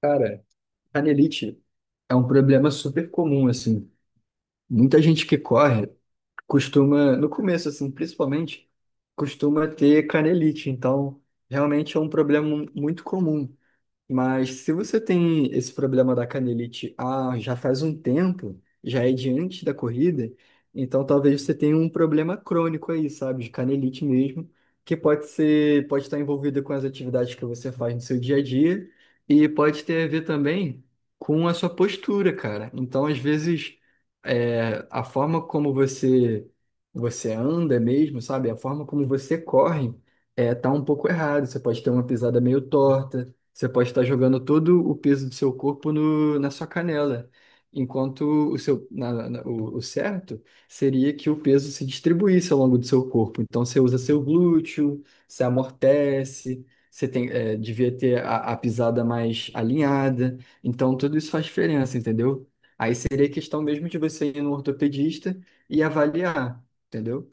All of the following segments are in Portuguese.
Cara, canelite é um problema super comum, assim. Muita gente que corre costuma, no começo, assim, principalmente, costuma ter canelite. Então, realmente é um problema muito comum. Mas se você tem esse problema da canelite já faz um tempo, já é diante da corrida, então talvez você tenha um problema crônico aí, sabe, de canelite mesmo, que pode ser, pode estar envolvido com as atividades que você faz no seu dia a dia e pode ter a ver também com a sua postura, cara. Então, às vezes, a forma como você anda mesmo, sabe, a forma como você corre, tá um pouco errado. Você pode ter uma pisada meio torta, você pode estar jogando todo o peso do seu corpo no, na sua canela, enquanto o seu, na- na- o certo seria que o peso se distribuísse ao longo do seu corpo. Então você usa seu glúteo, você amortece, você tem, devia ter a pisada mais alinhada. Então tudo isso faz diferença, entendeu? Aí seria questão mesmo de você ir no ortopedista e avaliar, entendeu?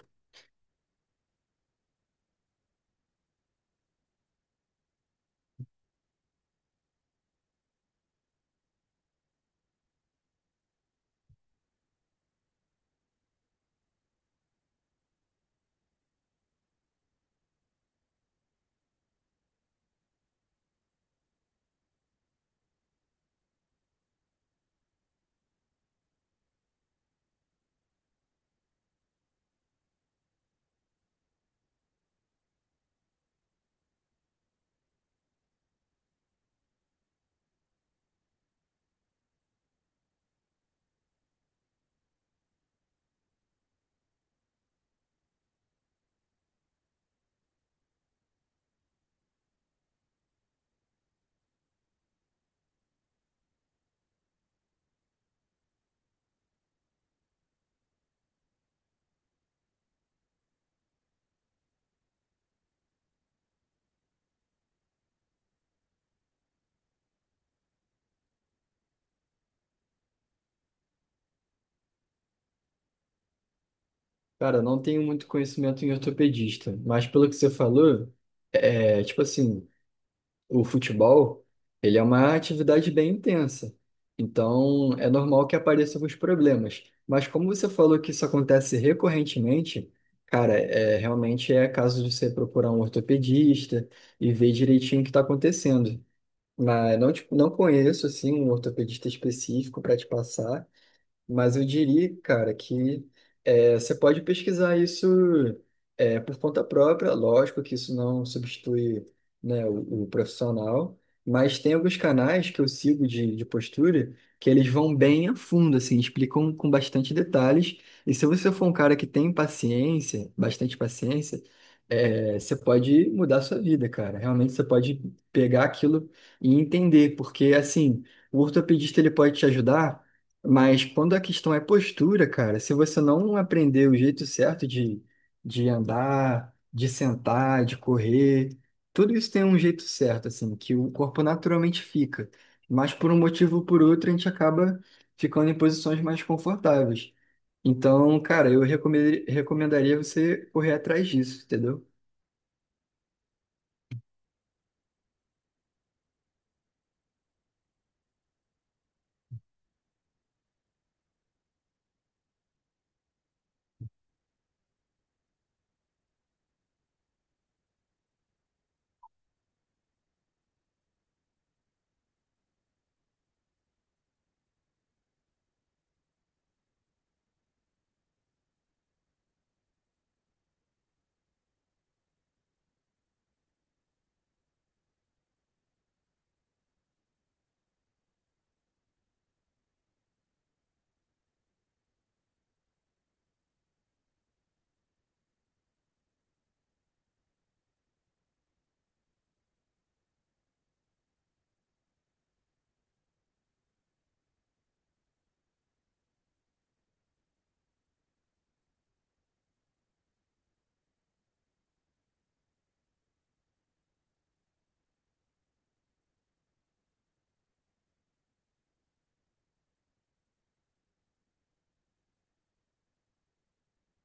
Cara, eu não tenho muito conhecimento em ortopedista, mas pelo que você falou, é tipo assim. O futebol, ele é uma atividade bem intensa. Então, é normal que apareçam os problemas. Mas como você falou que isso acontece recorrentemente, cara, é, realmente é caso de você procurar um ortopedista e ver direitinho o que está acontecendo. Mas não, tipo, não conheço, assim, um ortopedista específico para te passar. Mas eu diria, cara, que é, você pode pesquisar isso, por conta própria, lógico que isso não substitui, né, o profissional, mas tem alguns canais que eu sigo de postura que eles vão bem a fundo, assim, explicam com bastante detalhes. E se você for um cara que tem paciência, bastante paciência, você pode mudar a sua vida, cara. Realmente você pode pegar aquilo e entender, porque assim, o ortopedista ele pode te ajudar, mas quando a questão é postura, cara, se você não aprender o jeito certo de andar, de sentar, de correr, tudo isso tem um jeito certo, assim, que o corpo naturalmente fica. Mas por um motivo ou por outro, a gente acaba ficando em posições mais confortáveis. Então, cara, eu recomendaria você correr atrás disso, entendeu?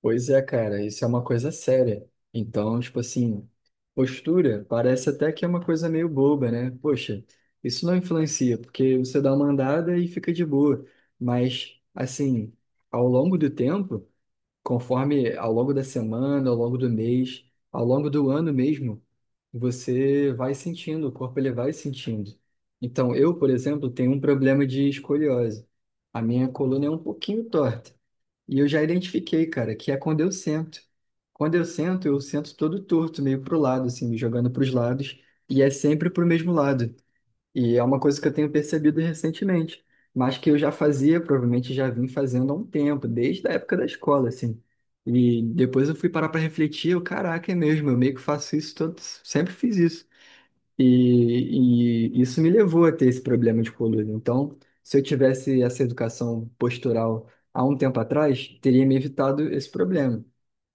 Pois é, cara, isso é uma coisa séria. Então, tipo assim, postura parece até que é uma coisa meio boba, né? Poxa, isso não influencia, porque você dá uma andada e fica de boa. Mas, assim, ao longo do tempo, conforme ao longo da semana, ao longo do mês, ao longo do ano mesmo, você vai sentindo, o corpo ele vai sentindo. Então, eu, por exemplo, tenho um problema de escoliose. A minha coluna é um pouquinho torta. E eu já identifiquei, cara, que é quando eu sento. Quando eu sento todo torto, meio pro lado, assim, me jogando pros lados, e é sempre pro mesmo lado. E é uma coisa que eu tenho percebido recentemente, mas que eu já fazia, provavelmente já vim fazendo há um tempo, desde a época da escola, assim. E depois eu fui parar pra refletir, eu, caraca, é mesmo, eu meio que faço isso todo, sempre fiz isso. E isso me levou a ter esse problema de coluna. Então, se eu tivesse essa educação postural há um tempo atrás, teria me evitado esse problema.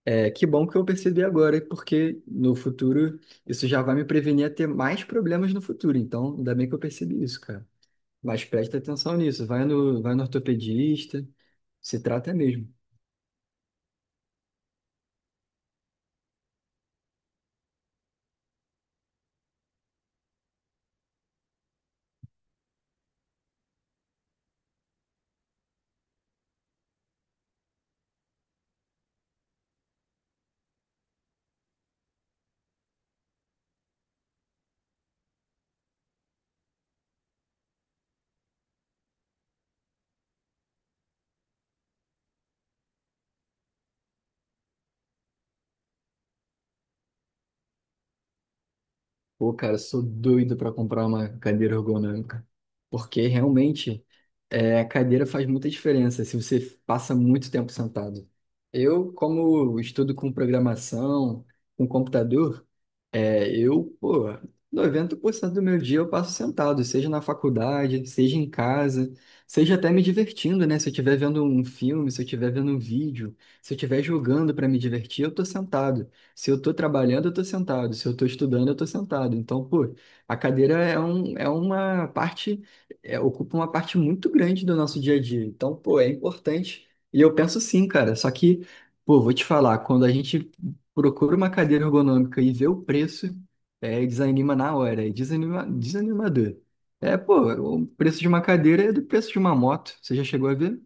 É, que bom que eu percebi agora, porque no futuro isso já vai me prevenir a ter mais problemas no futuro. Então, ainda bem que eu percebi isso, cara. Mas presta atenção nisso. Vai no ortopedista, se trata mesmo. Pô, cara, eu sou doido para comprar uma cadeira ergonômica, porque realmente a cadeira faz muita diferença se você passa muito tempo sentado. Eu, como estudo com programação, com computador, é, eu, pô, 90% do meu dia eu passo sentado, seja na faculdade, seja em casa, seja até me divertindo, né? Se eu estiver vendo um filme, se eu estiver vendo um vídeo, se eu estiver jogando para me divertir, eu tô sentado. Se eu tô trabalhando, eu tô sentado. Se eu tô estudando, eu tô sentado. Então, pô, a cadeira é, um, é uma parte, é, ocupa uma parte muito grande do nosso dia a dia. Então, pô, é importante. E eu penso sim, cara. Só que, pô, vou te falar, quando a gente procura uma cadeira ergonômica e vê o preço, desanima na hora, desanima, desanimador. É, pô, o preço de uma cadeira é do preço de uma moto. Você já chegou a ver?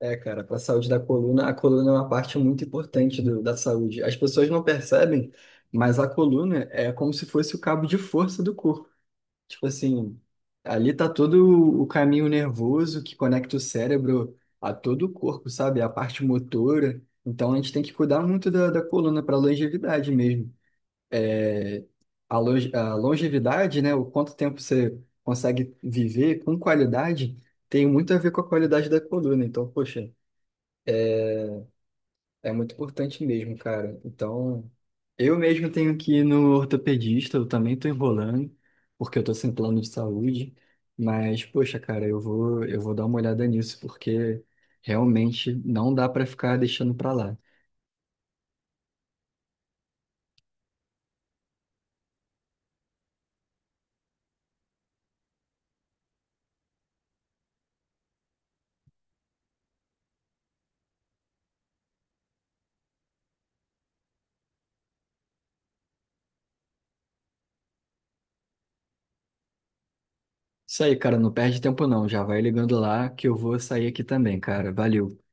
É, cara, para a saúde da coluna, a coluna é uma parte muito importante da saúde. As pessoas não percebem, mas a coluna é como se fosse o cabo de força do corpo. Tipo assim, ali tá todo o caminho nervoso que conecta o cérebro a todo o corpo, sabe? A parte motora. Então a gente tem que cuidar muito da coluna para longevidade mesmo. É, a longevidade, né? O quanto tempo você consegue viver com qualidade tem muito a ver com a qualidade da coluna. Então, poxa. É muito importante mesmo, cara. Então, eu mesmo tenho que ir no ortopedista, eu também tô enrolando, porque eu tô sem plano de saúde. Mas, poxa, cara, eu vou dar uma olhada nisso, porque realmente não dá pra ficar deixando pra lá. Isso aí, cara, não perde tempo não. Já vai ligando lá que eu vou sair aqui também, cara. Valeu.